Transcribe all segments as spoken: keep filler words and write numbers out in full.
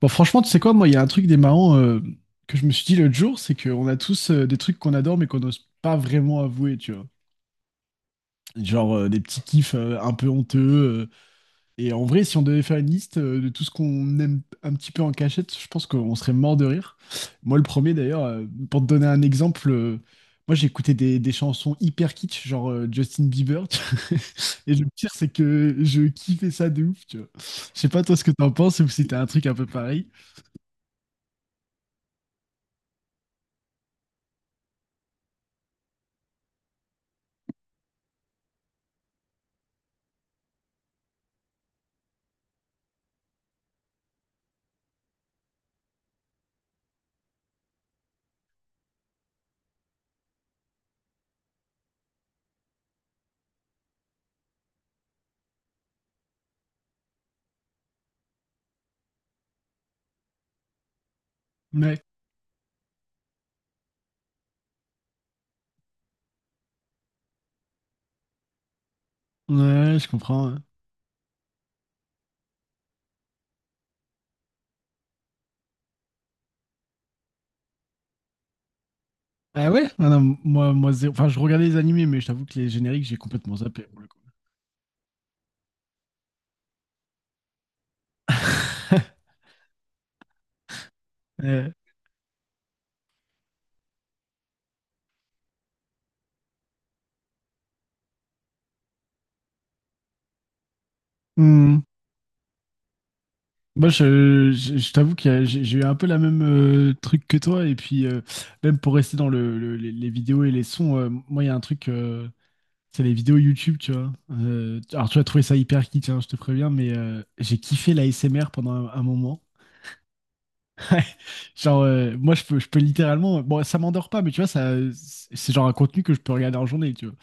Bon, franchement, tu sais quoi, moi, il y a un truc des marrants euh, que je me suis dit l'autre jour, c'est qu'on a tous euh, des trucs qu'on adore mais qu'on n'ose pas vraiment avouer, tu vois. Genre euh, des petits kiffs euh, un peu honteux. Euh, et en vrai, si on devait faire une liste euh, de tout ce qu'on aime un petit peu en cachette, je pense qu'on serait mort de rire. Moi, le premier d'ailleurs, euh, pour te donner un exemple, euh, moi j'écoutais des, des chansons hyper kitsch, genre euh, Justin Bieber, tu vois. Et le pire, c'est que je kiffais ça de ouf, tu vois. Je sais pas toi ce que t'en penses ou si t'as un truc un peu pareil. Ouais. Ouais, je comprends, ouais. Ah ouais? Ah non, moi, moi, zéro. Enfin, je regardais les animés, mais je t'avoue que les génériques, j'ai complètement zappé pour le coup. Ouais. Hmm. Moi, je, je, je t'avoue que j'ai j'ai eu un peu la même euh, truc que toi. Et puis, euh, même pour rester dans le, le- les, les vidéos et les sons, euh, moi, il y a un truc, euh, c'est les vidéos YouTube, tu vois. Euh, alors, tu vas trouver ça hyper kitsch, hein, je te préviens, mais euh, j'ai kiffé la l'A S M R pendant un, un moment. Ouais. Genre, euh, moi, je peux, je peux littéralement. Bon, ça m'endort pas, mais tu vois, ça, c'est genre un contenu que je peux regarder en journée, tu vois.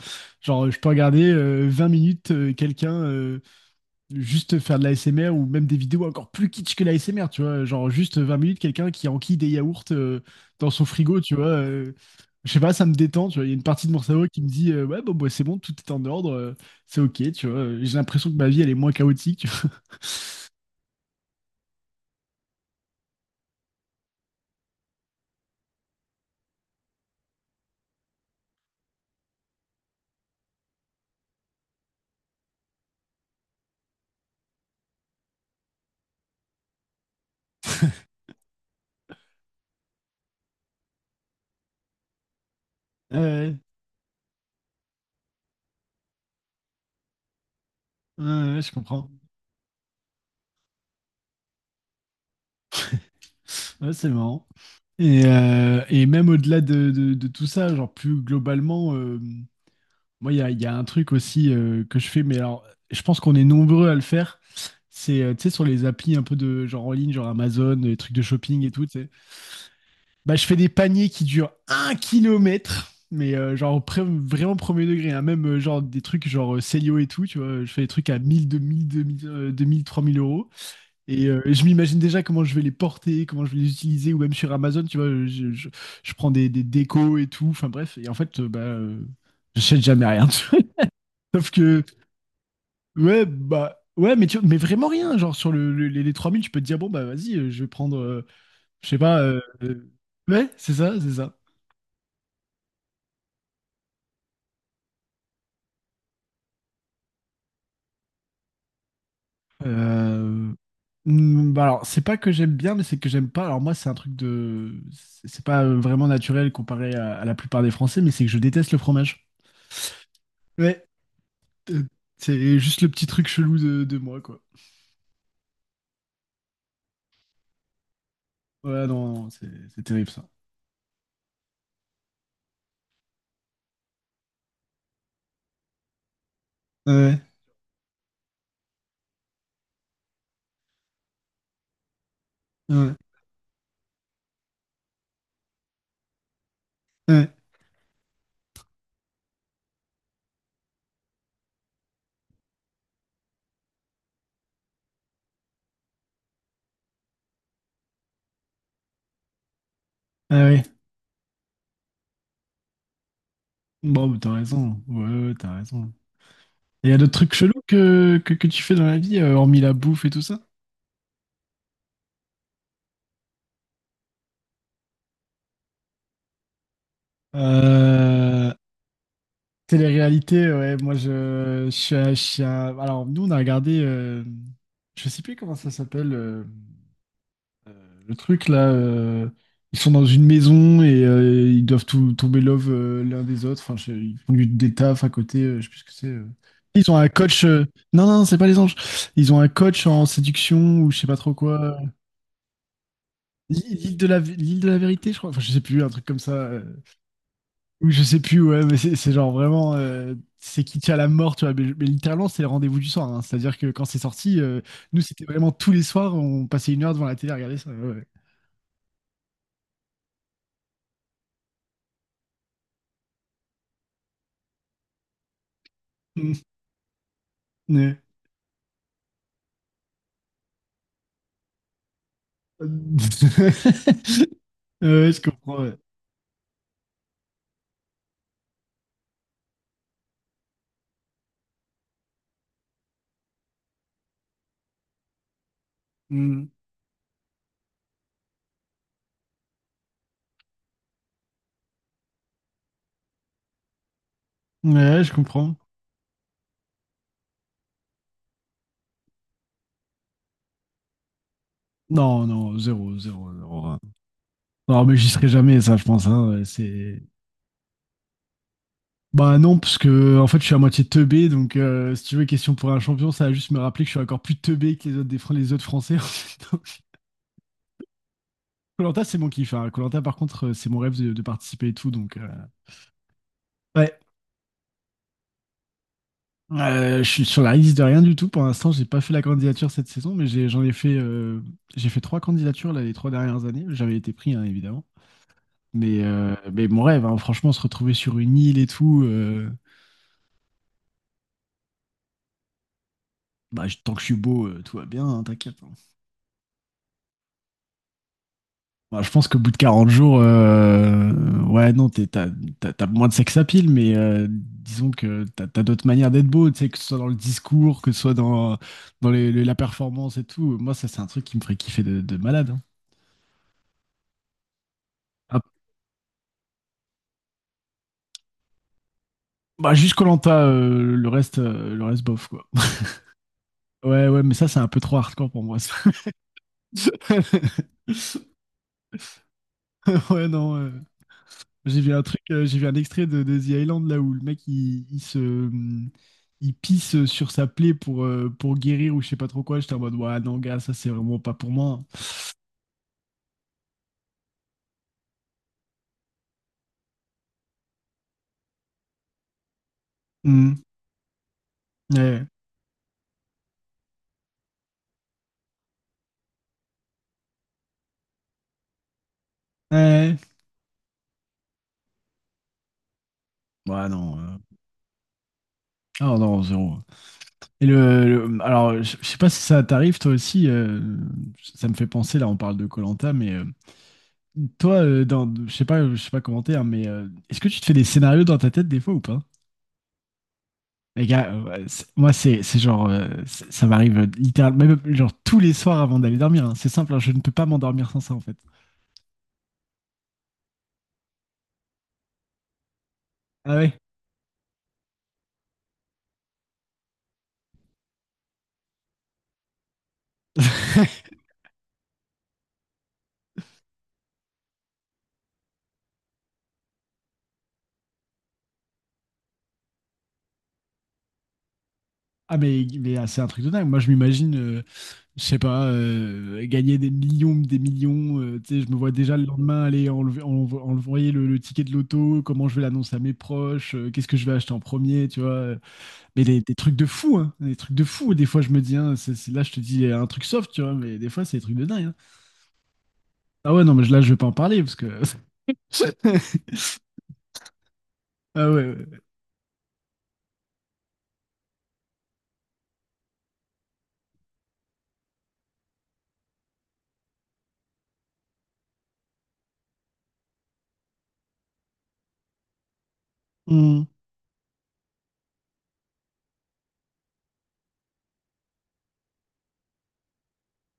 Genre, je peux regarder euh, vingt minutes euh, quelqu'un euh, juste faire de la l'A S M R ou même des vidéos encore plus kitsch que la l'A S M R, tu vois. Genre, juste vingt minutes, quelqu'un qui enquille des yaourts euh, dans son frigo, tu vois. Euh, je sais pas, ça me détend, tu vois. Il y a une partie de mon cerveau qui me dit, euh, ouais, bon, bah, c'est bon, tout est en ordre, euh, c'est ok, tu vois. J'ai l'impression que ma vie, elle est moins chaotique, tu vois. Ouais, ouais, ouais, je comprends. Ouais, c'est marrant. Et, euh, et même au-delà de, de- de tout ça, genre plus globalement, euh, moi, il y a, il y a un truc aussi euh, que je fais, mais alors, je pense qu'on est nombreux à le faire. C'est, euh, tu sais, sur les applis un peu de genre en ligne, genre Amazon, les trucs de shopping et tout, tu sais. Bah, je fais des paniers qui durent un kilomètre, mais euh, genre au pré- vraiment premier degré, hein. Même euh, genre des trucs genre euh, Célio et tout, tu vois. Je fais des trucs à mille, deux mille, deux mille, euh, deux mille, trois mille euros. Et, euh, et je m'imagine déjà comment je vais les porter, comment je vais les utiliser, ou même sur Amazon, tu vois, je, je- je prends des, des décos et tout, enfin bref, et en fait, euh, bah, euh, j'achète jamais rien. Tu vois. Sauf que, ouais, bah, ouais, mais, tu, mais vraiment rien, genre sur le, le- les, les trois mille tu peux te dire, bon, bah vas-y, euh, je vais prendre, euh, je sais pas, euh, euh, ouais, c'est ça, c'est ça. Euh, Hmm, bah alors, c'est pas que j'aime bien, mais c'est que j'aime pas. Alors moi, c'est un truc de... C'est c'est pas euh, vraiment naturel comparé à, à la plupart des Français, mais c'est que je déteste le fromage. Ouais. Euh, C'est juste le petit truc chelou de, de moi, quoi. Ouais, non, non, c'est c'est terrible ça. Ouais, ouais, ouais, ouais. Ah ouais. Bon, bah, t'as raison. Ouais, ouais, t'as raison. Et y a d'autres trucs chelous que, que, que tu fais dans la vie, euh, hormis la bouffe et tout ça? Euh, Télé-réalité, ouais, moi je, je suis un- je suis un- Alors, nous, on a regardé. Euh, je sais plus comment ça s'appelle. euh, Euh, Le truc là, euh, ils sont dans une maison et euh, ils doivent tout, tomber love euh, l'un des autres. Enfin, je- ils font du- des tafs à côté, euh, je sais plus ce que c'est. euh. Ils ont un coach. euh, Non, non, non, c'est pas les anges. Ils ont un coach en séduction ou je sais pas trop quoi. L- L'île de la, l'île de la vérité, je crois. Enfin, je sais plus, un truc comme ça. euh, Ou je sais plus, ouais, mais c'est c'est genre vraiment. euh, C'est qui tient la mort, tu vois. Mais, mais littéralement, c'est le rendez-vous du soir, hein. C'est-à-dire que quand c'est sorti, euh, nous, c'était vraiment tous les soirs, on passait une heure devant la télé à regarder ça, ouais, ouais. Mm. Ouais, je comprends. Ouais. Mm. Ouais, je comprends. Non, non, zéro, zéro, zéro, hein. Non, mais j'y serai jamais, ça, je pense, hein, ouais, c'est... Bah non, parce que en fait, je suis à moitié teubé, donc euh, si tu veux, question pour un champion, ça va juste me rappeler que je suis encore plus teubé que les autres, des Fran- les autres Français. Donc, koh c'est mon kiff. Koh-Lanta, par contre, euh, c'est mon rêve de, de participer et tout, donc... euh, Ouais, Euh, je suis sur la liste de rien du tout. Pour l'instant, j'ai pas fait la candidature cette saison, mais j'ai- j'en ai fait, euh, j'ai fait trois candidatures là, les trois dernières années. J'avais été pris, hein, évidemment. Mais, euh, mais mon rêve, hein, franchement, se retrouver sur une île et tout. Euh, bah, je- tant que je suis beau, euh, tout va bien, hein, t'inquiète, hein. Bah, je pense qu'au bout de quarante jours, euh, ouais, non, t'es- t'as, t'as, t'as moins de sex appeal, mais euh, disons que t'as, t'as d'autres manières d'être beau, tu sais, que ce soit dans le discours, que ce soit dans, dans les- les- la performance et tout. Moi, ça, c'est un truc qui me ferait kiffer de, de malade, hein. Bah, juste Koh Lanta, euh, le reste, euh, le reste bof, quoi. Ouais, ouais, mais ça, c'est un peu trop hardcore pour moi, ça. Ouais, non. euh, J'ai vu un truc, euh, j'ai vu un extrait de, de The Island là où le mec il, il se. hum, Il pisse sur sa plaie pour, euh, pour guérir ou je sais pas trop quoi. J'étais en mode, ouais, non, gars, ça c'est vraiment pas pour moi. Hum, Ouais. Ouais. Ouais, non. euh, Ah non, zéro. Et le, le- alors, je je sais pas si ça t'arrive toi aussi. Euh, ça me fait penser, là, on parle de koh mais. euh, Toi, euh, dans, je sais pas, je sais pas commenter, hein, mais euh, est-ce que tu te fais des scénarios dans ta tête des fois ou pas? Les gars, euh, ouais, c'est- moi c'est c'est genre euh, c'est- ça m'arrive euh, littéralement même genre tous les soirs avant d'aller dormir, hein. C'est simple, hein, je ne peux pas m'endormir sans ça en fait. Ah ouais? Ah mais, mais ah, c'est un truc de dingue. Moi je m'imagine, euh, je sais pas, euh, gagner des millions, des millions. Euh, tu sais, je me vois déjà le lendemain aller enlever, envo- envoyer le, le ticket de l'auto, comment je vais l'annoncer à mes proches, euh, qu'est-ce que je vais acheter en premier, tu vois. Mais des, des trucs de fou, hein. Des trucs de fou. Des fois, je me dis, hein, c'est, c'est- là, je te dis un truc soft, tu vois, mais des fois, c'est des trucs de dingue, hein. Ah ouais, non, mais là, je vais pas en parler parce que. Ah ouais, ouais. Hmm.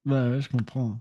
Bah ouais, je comprends.